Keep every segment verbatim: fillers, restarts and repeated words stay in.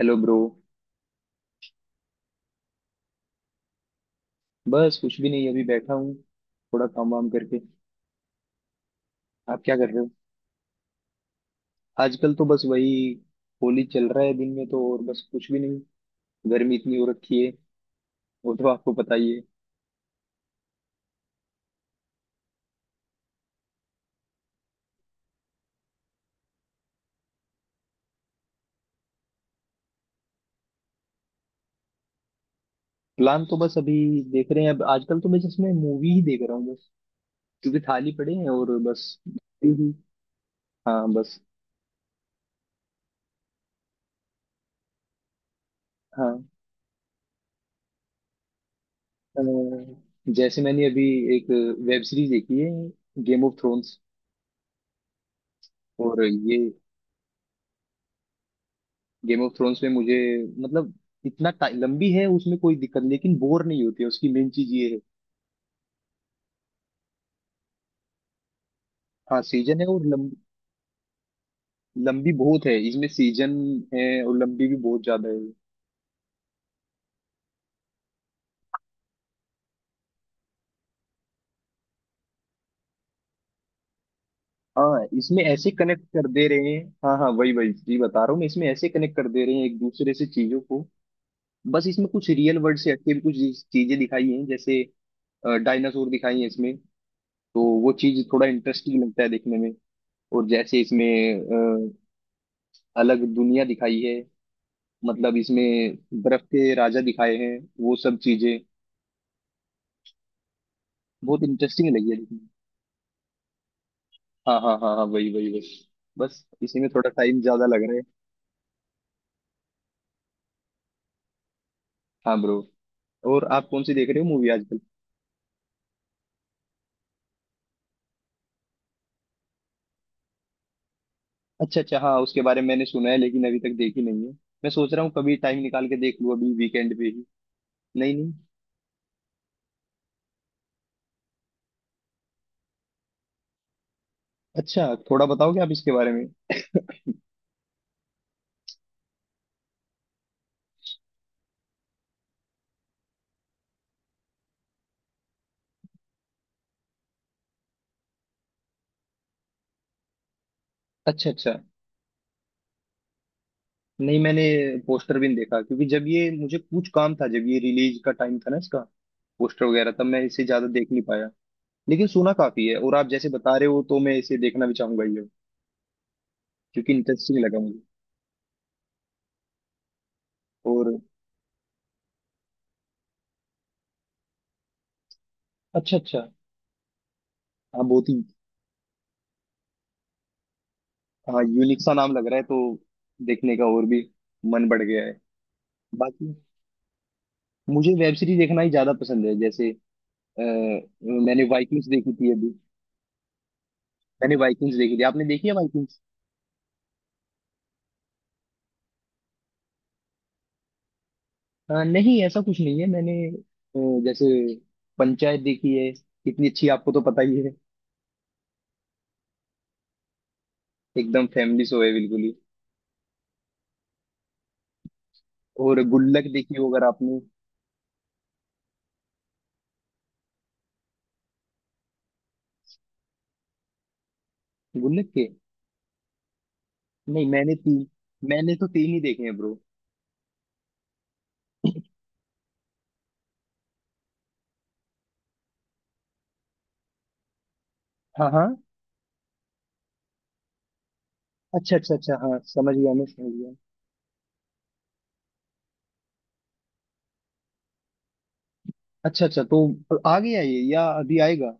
Hello bro. बस कुछ भी नहीं, अभी बैठा हूँ, थोड़ा काम वाम करके। आप क्या कर रहे हो? आजकल तो बस वही, होली चल रहा है दिन में, तो और बस कुछ भी नहीं। गर्मी इतनी हो रखी है, वो तो आपको पता ही है। प्लान तो बस अभी देख रहे हैं। अब आजकल तो मैं जस्ट मैं मूवी ही देख रहा हूँ बस, क्योंकि थाली पड़े हैं और बस। हम्म। हाँ बस। हाँ, अ, जैसे मैंने अभी एक वेब सीरीज देखी है, गेम ऑफ थ्रोन्स। और ये गेम ऑफ थ्रोन्स में मुझे, मतलब इतना टाइ- लंबी है, उसमें कोई दिक्कत नहीं, लेकिन बोर नहीं होती है, उसकी मेन चीज ये है। हाँ सीजन है और लंब, लंबी बहुत है, इसमें सीजन है और लंबी भी बहुत ज्यादा है। हाँ इसमें ऐसे कनेक्ट कर दे रहे हैं। हाँ हाँ, वही वही जी बता रहा हूँ मैं, इसमें ऐसे कनेक्ट कर दे रहे हैं एक दूसरे से चीजों को। बस इसमें कुछ रियल वर्ल्ड से हटके भी कुछ चीजें दिखाई हैं। जैसे डायनासोर दिखाई है इसमें, तो वो चीज थोड़ा इंटरेस्टिंग लगता है देखने में। और जैसे इसमें अ, अलग दुनिया दिखाई है, मतलब इसमें बर्फ के राजा दिखाए हैं, वो सब चीजें बहुत इंटरेस्टिंग लगी है देखने में। हाँ हाँ हाँ हाँ, वही वही वही, बस इसी में थोड़ा टाइम ज्यादा लग रहा है। हाँ ब्रो। और आप कौन सी देख रहे हो मूवी आजकल? अच्छा अच्छा, हाँ उसके बारे में मैंने सुना है, लेकिन अभी तक देखी नहीं है। मैं सोच रहा हूँ कभी टाइम निकाल के देख लूँ अभी वीकेंड पे ही। नहीं नहीं। अच्छा थोड़ा बताओगे आप इसके बारे में? अच्छा अच्छा। नहीं मैंने पोस्टर भी नहीं देखा, क्योंकि जब ये मुझे कुछ काम था, जब ये रिलीज का टाइम था ना इसका पोस्टर वगैरह, तब मैं इसे ज्यादा देख नहीं पाया। लेकिन सुना काफी है, और आप जैसे बता रहे हो तो मैं इसे देखना भी चाहूंगा ये, क्योंकि इंटरेस्टिंग लगा मुझे। और अच्छा अच्छा। हाँ बहुत ही। हाँ यूनिक सा नाम लग रहा है, तो देखने का और भी मन बढ़ गया है। बाकी मुझे वेब सीरीज देखना ही ज्यादा पसंद है। जैसे आ, मैंने वाइकिंग्स देखी थी अभी। मैंने वाइकिंग्स देखी थी, आपने देखी है वाइकिंग्स? आ, नहीं ऐसा कुछ नहीं है, मैंने अ, जैसे पंचायत देखी है, कितनी अच्छी आपको तो पता ही है। एकदम फैमिली शो है बिल्कुल ही। और गुल्लक देखी हो अगर आपने। गुल्लक के, नहीं मैंने तीन, मैंने तो तीन ही देखे हैं ब्रो। हाँ हाँ। अच्छा अच्छा अच्छा, हाँ समझ गया, मैं समझ गया। अच्छा अच्छा, तो आ गया ये या अभी आएगा?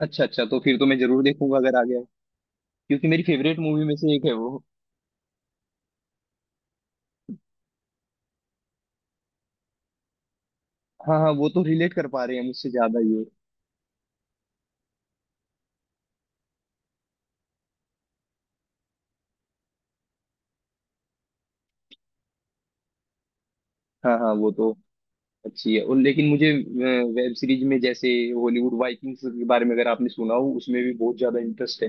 अच्छा अच्छा, तो फिर तो मैं जरूर देखूंगा अगर आ गया, क्योंकि मेरी फेवरेट मूवी में से एक है वो। हाँ हाँ, वो तो रिलेट कर पा रहे हैं मुझसे ज्यादा ये। हाँ हाँ, वो तो अच्छी है। और लेकिन मुझे वेब सीरीज में जैसे हॉलीवुड वाइकिंग्स के बारे में अगर आपने सुना हो, उसमें भी बहुत ज्यादा इंटरेस्ट है।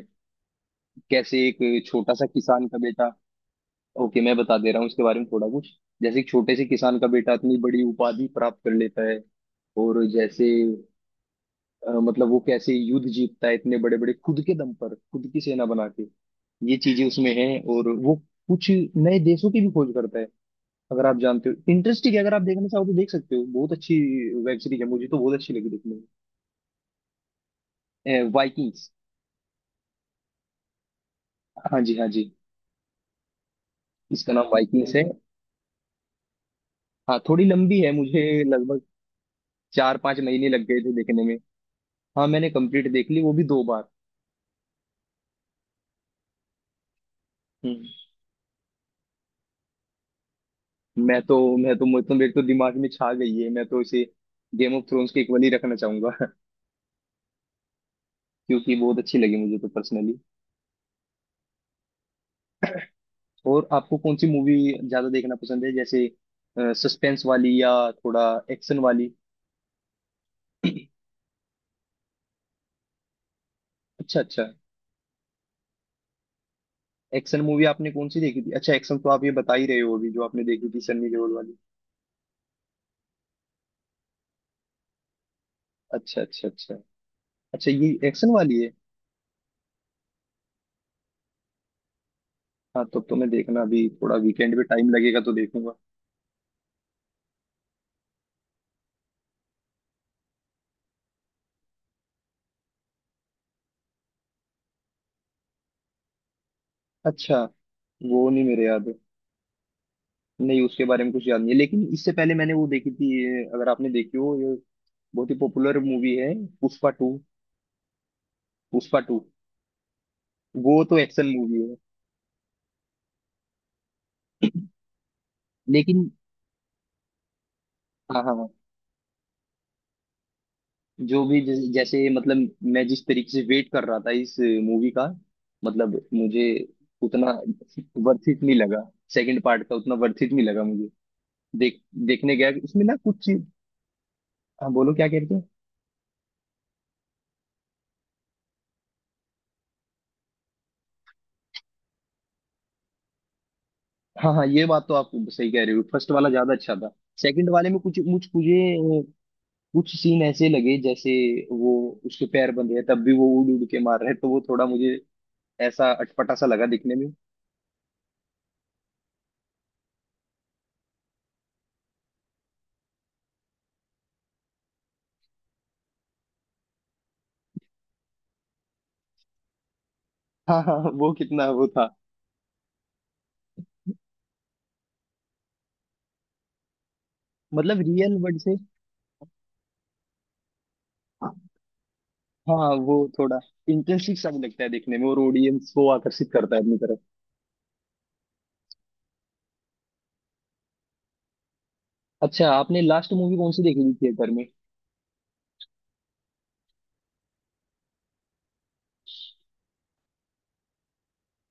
कैसे एक छोटा सा किसान का बेटा। ओके मैं बता दे रहा हूँ इसके बारे में थोड़ा कुछ। जैसे एक छोटे से किसान का बेटा इतनी बड़ी उपाधि प्राप्त कर लेता है। और जैसे अ, मतलब वो कैसे युद्ध जीतता है इतने बड़े बड़े, खुद के दम पर खुद की सेना बना के। ये चीजें उसमें हैं। और वो कुछ नए देशों की भी खोज करता है। अगर आप जानते हो, इंटरेस्टिंग है, अगर आप देखना चाहो तो देख सकते हो, बहुत अच्छी वेब सीरीज है, मुझे तो बहुत अच्छी लगी देखने में। वाइकिंग्स। हाँ जी हाँ जी, इसका नाम वाइकिंग्स है। हाँ थोड़ी लंबी है, मुझे लगभग चार पांच महीने लग गए थे देखने में। हाँ मैंने कंप्लीट देख ली, वो भी दो बार। हम्म। मैं तो मैं तो मुझे तो मेरे तो दिमाग में छा गई है, मैं तो इसे गेम ऑफ थ्रोन्स के इक्वल ही रखना चाहूंगा क्योंकि बहुत अच्छी लगी मुझे तो पर्सनली। और आपको कौन सी मूवी ज्यादा देखना पसंद है? जैसे सस्पेंस वाली या थोड़ा एक्शन वाली? अच्छा अच्छा। एक्शन मूवी आपने कौन सी देखी थी? अच्छा एक्शन तो आप ये बता ही रहे हो, अभी जो आपने देखी थी सन्नी देओल वाली। अच्छा अच्छा अच्छा। अच्छा ये एक्शन वाली है। हाँ तब तो, तो मैं देखना अभी थोड़ा वीकेंड पे टाइम लगेगा तो देखूंगा। अच्छा। वो नहीं मेरे याद। नहीं उसके बारे में कुछ याद नहीं है, लेकिन इससे पहले मैंने वो देखी थी ये, अगर आपने देखी हो ये, बहुत ही पॉपुलर मूवी है, पुष्पा टू। पुष्पा टू, वो तो एक्शन मूवी है। लेकिन हाँ हाँ हाँ, जो भी जैसे जैसे मतलब मैं जिस तरीके से वेट कर रहा था इस मूवी का, मतलब मुझे उतना वर्थित नहीं लगा। सेकंड पार्ट का उतना वर्थित नहीं लगा मुझे। देख देखने गया इसमें ना कुछ चीज। हाँ बोलो क्या कहते हैं। हाँ हाँ ये बात तो आप सही कह रहे हो, फर्स्ट वाला ज्यादा अच्छा था। सेकंड वाले में कुछ मुझ मुझे कुछ सीन ऐसे लगे जैसे, वो उसके पैर बंधे हैं तब भी वो उड़ उड़ के मार रहे हैं, तो वो थोड़ा मुझे ऐसा अटपटा सा लगा दिखने में। हाँ हाँ, वो कितना वो था। मतलब रियल वर्ड से। हाँ वो थोड़ा इंटरेस्टिंग सा भी लगता है देखने में, और ऑडियंस को आकर्षित करता है अपनी तरफ। अच्छा आपने लास्ट मूवी कौन सी देखी थी थिएटर में?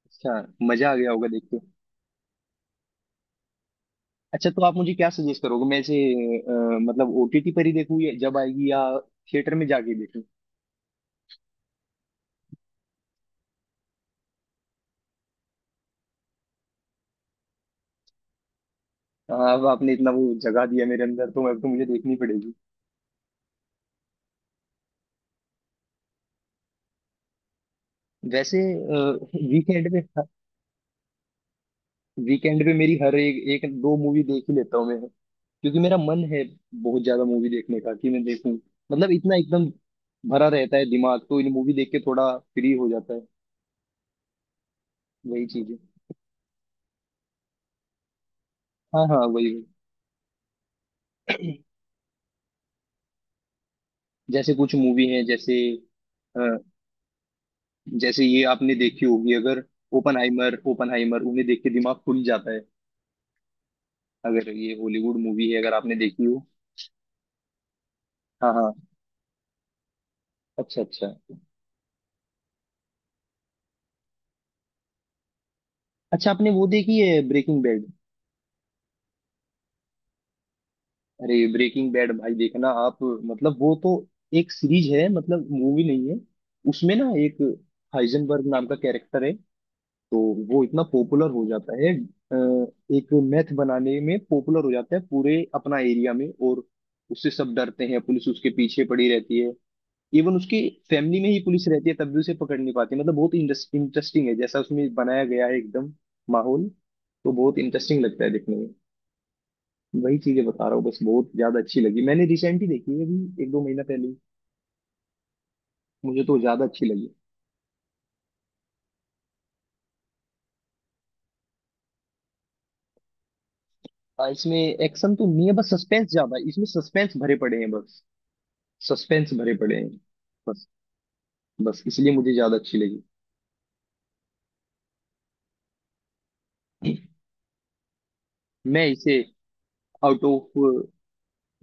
अच्छा, मजा आ गया होगा देख के। अच्छा तो आप मुझे क्या सजेस्ट करोगे, मैं इसे अ, मतलब ओटीटी पर ही देखूँ या जब आएगी, या थिएटर में जाके देखूँ? अब आपने इतना वो जगा दिया मेरे अंदर तो अब तो मुझे देखनी पड़ेगी। वैसे वीकेंड पे, वीकेंड पे मेरी हर एक एक दो मूवी देख ही लेता हूँ मैं, क्योंकि मेरा मन है बहुत ज्यादा मूवी देखने का, कि मैं देखूं। मतलब इतना एकदम भरा रहता है दिमाग, तो इन मूवी देख के थोड़ा फ्री हो जाता है, वही चीज है। हाँ हाँ वही वही। जैसे कुछ मूवी हैं, जैसे अ, जैसे ये आपने देखी होगी अगर, ओपनहाइमर। ओपनहाइमर उन्हें देख के दिमाग खुल जाता है, अगर ये हॉलीवुड मूवी है, अगर आपने देखी हो। हाँ हाँ। अच्छा अच्छा अच्छा। आपने वो देखी है ब्रेकिंग बैड? अरे ब्रेकिंग बैड भाई देखना आप, मतलब वो तो एक सीरीज है, मतलब मूवी नहीं है। उसमें ना एक हाइजनबर्ग नाम का कैरेक्टर है, तो वो इतना पॉपुलर हो जाता है, अ, एक मैथ बनाने में पॉपुलर हो जाता है पूरे अपना एरिया में, और उससे सब डरते हैं, पुलिस उसके पीछे पड़ी रहती है। इवन उसके फैमिली में ही पुलिस रहती है, तब भी उसे पकड़ नहीं पाती, मतलब बहुत इंटरेस्टिंग है जैसा उसमें बनाया गया है एकदम माहौल, तो बहुत इंटरेस्टिंग लगता है देखने में। वही चीजें बता रहा हूँ बस, बहुत ज्यादा अच्छी लगी, मैंने रिसेंटली देखी है अभी एक दो महीना पहले ही। मुझे तो ज्यादा अच्छी लगी। आ, इसमें एक्शन तो नहीं है, बस सस्पेंस ज्यादा है, इसमें सस्पेंस भरे पड़े हैं बस। सस्पेंस भरे पड़े हैं बस। बस इसलिए मुझे ज्यादा अच्छी लगी। मैं इसे आउट ऑफ,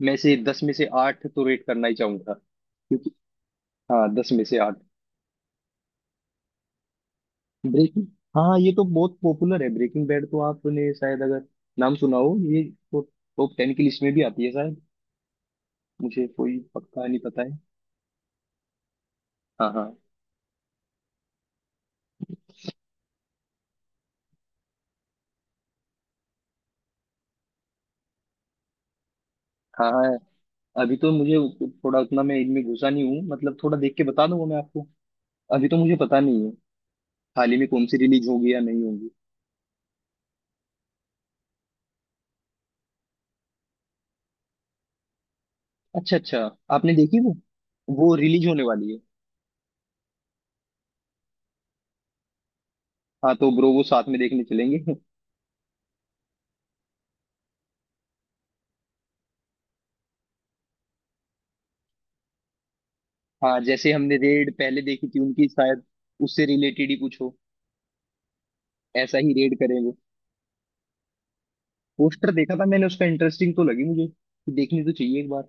में से दस में से आठ तो रेट करना ही चाहूंगा, क्योंकि, हाँ दस में से आठ। ब्रेकिंग, हाँ ये तो बहुत पॉपुलर है ब्रेकिंग बैड, तो आपने शायद अगर नाम सुना हो ये, तो टॉप टेन की लिस्ट में भी आती है शायद, मुझे कोई पक्का नहीं पता है। हाँ हाँ हाँ। अभी तो मुझे थोड़ा उतना मैं इनमें घुसा नहीं हूँ, मतलब थोड़ा देख के बता दूंगा मैं आपको, अभी तो मुझे पता नहीं है हाल ही में कौन सी रिलीज होगी या नहीं होगी। अच्छा अच्छा। आपने देखी वो? वो रिलीज होने वाली है। हाँ तो ब्रो वो साथ में देखने चलेंगे। हाँ, जैसे हमने रेड पहले देखी थी उनकी शायद, उससे रिलेटेड ही कुछ हो। ऐसा ही रेड करेंगे। पोस्टर देखा था मैंने उसका, इंटरेस्टिंग तो लगी मुझे, देखनी तो चाहिए एक बार।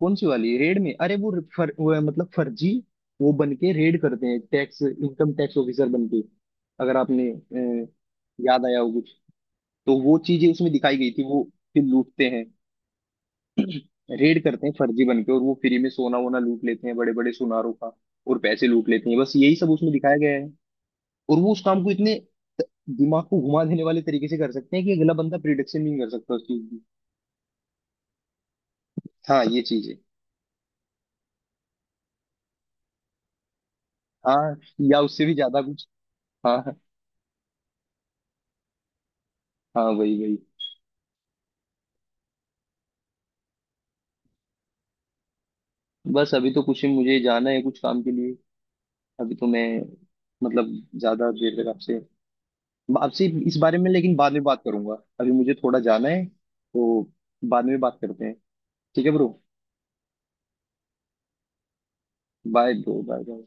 कौन सी वाली रेड में? अरे वो, फर, वो है, मतलब फर्जी, वो बन के रेड करते हैं, टैक्स इनकम टैक्स ऑफिसर बन के। अगर आपने अ, याद आया हो कुछ, तो वो चीजें उसमें दिखाई गई थी। वो फिर लूटते हैं, रेड करते हैं फर्जी बन के, और वो फ्री में सोना वोना लूट लेते हैं बड़े बड़े सुनारों का, और पैसे लूट लेते हैं, बस यही सब उसमें दिखाया गया है। और वो उस काम को इतने दिमाग को घुमा देने वाले तरीके से कर सकते हैं कि अगला बंदा प्रिडिक्शन नहीं कर सकता उस चीज की। हाँ ये चीज है। हाँ या उससे भी ज्यादा कुछ। हाँ हाँ हाँ, वही वही। बस अभी तो कुछ ही, मुझे जाना है कुछ काम के लिए। अभी तो मैं, मतलब ज्यादा देर तक आपसे, आपसे इस बारे में लेकिन बाद में बात करूंगा। अभी मुझे थोड़ा जाना है, तो बाद में बात करते हैं। ठीक है ब्रो। Bye bro, bye.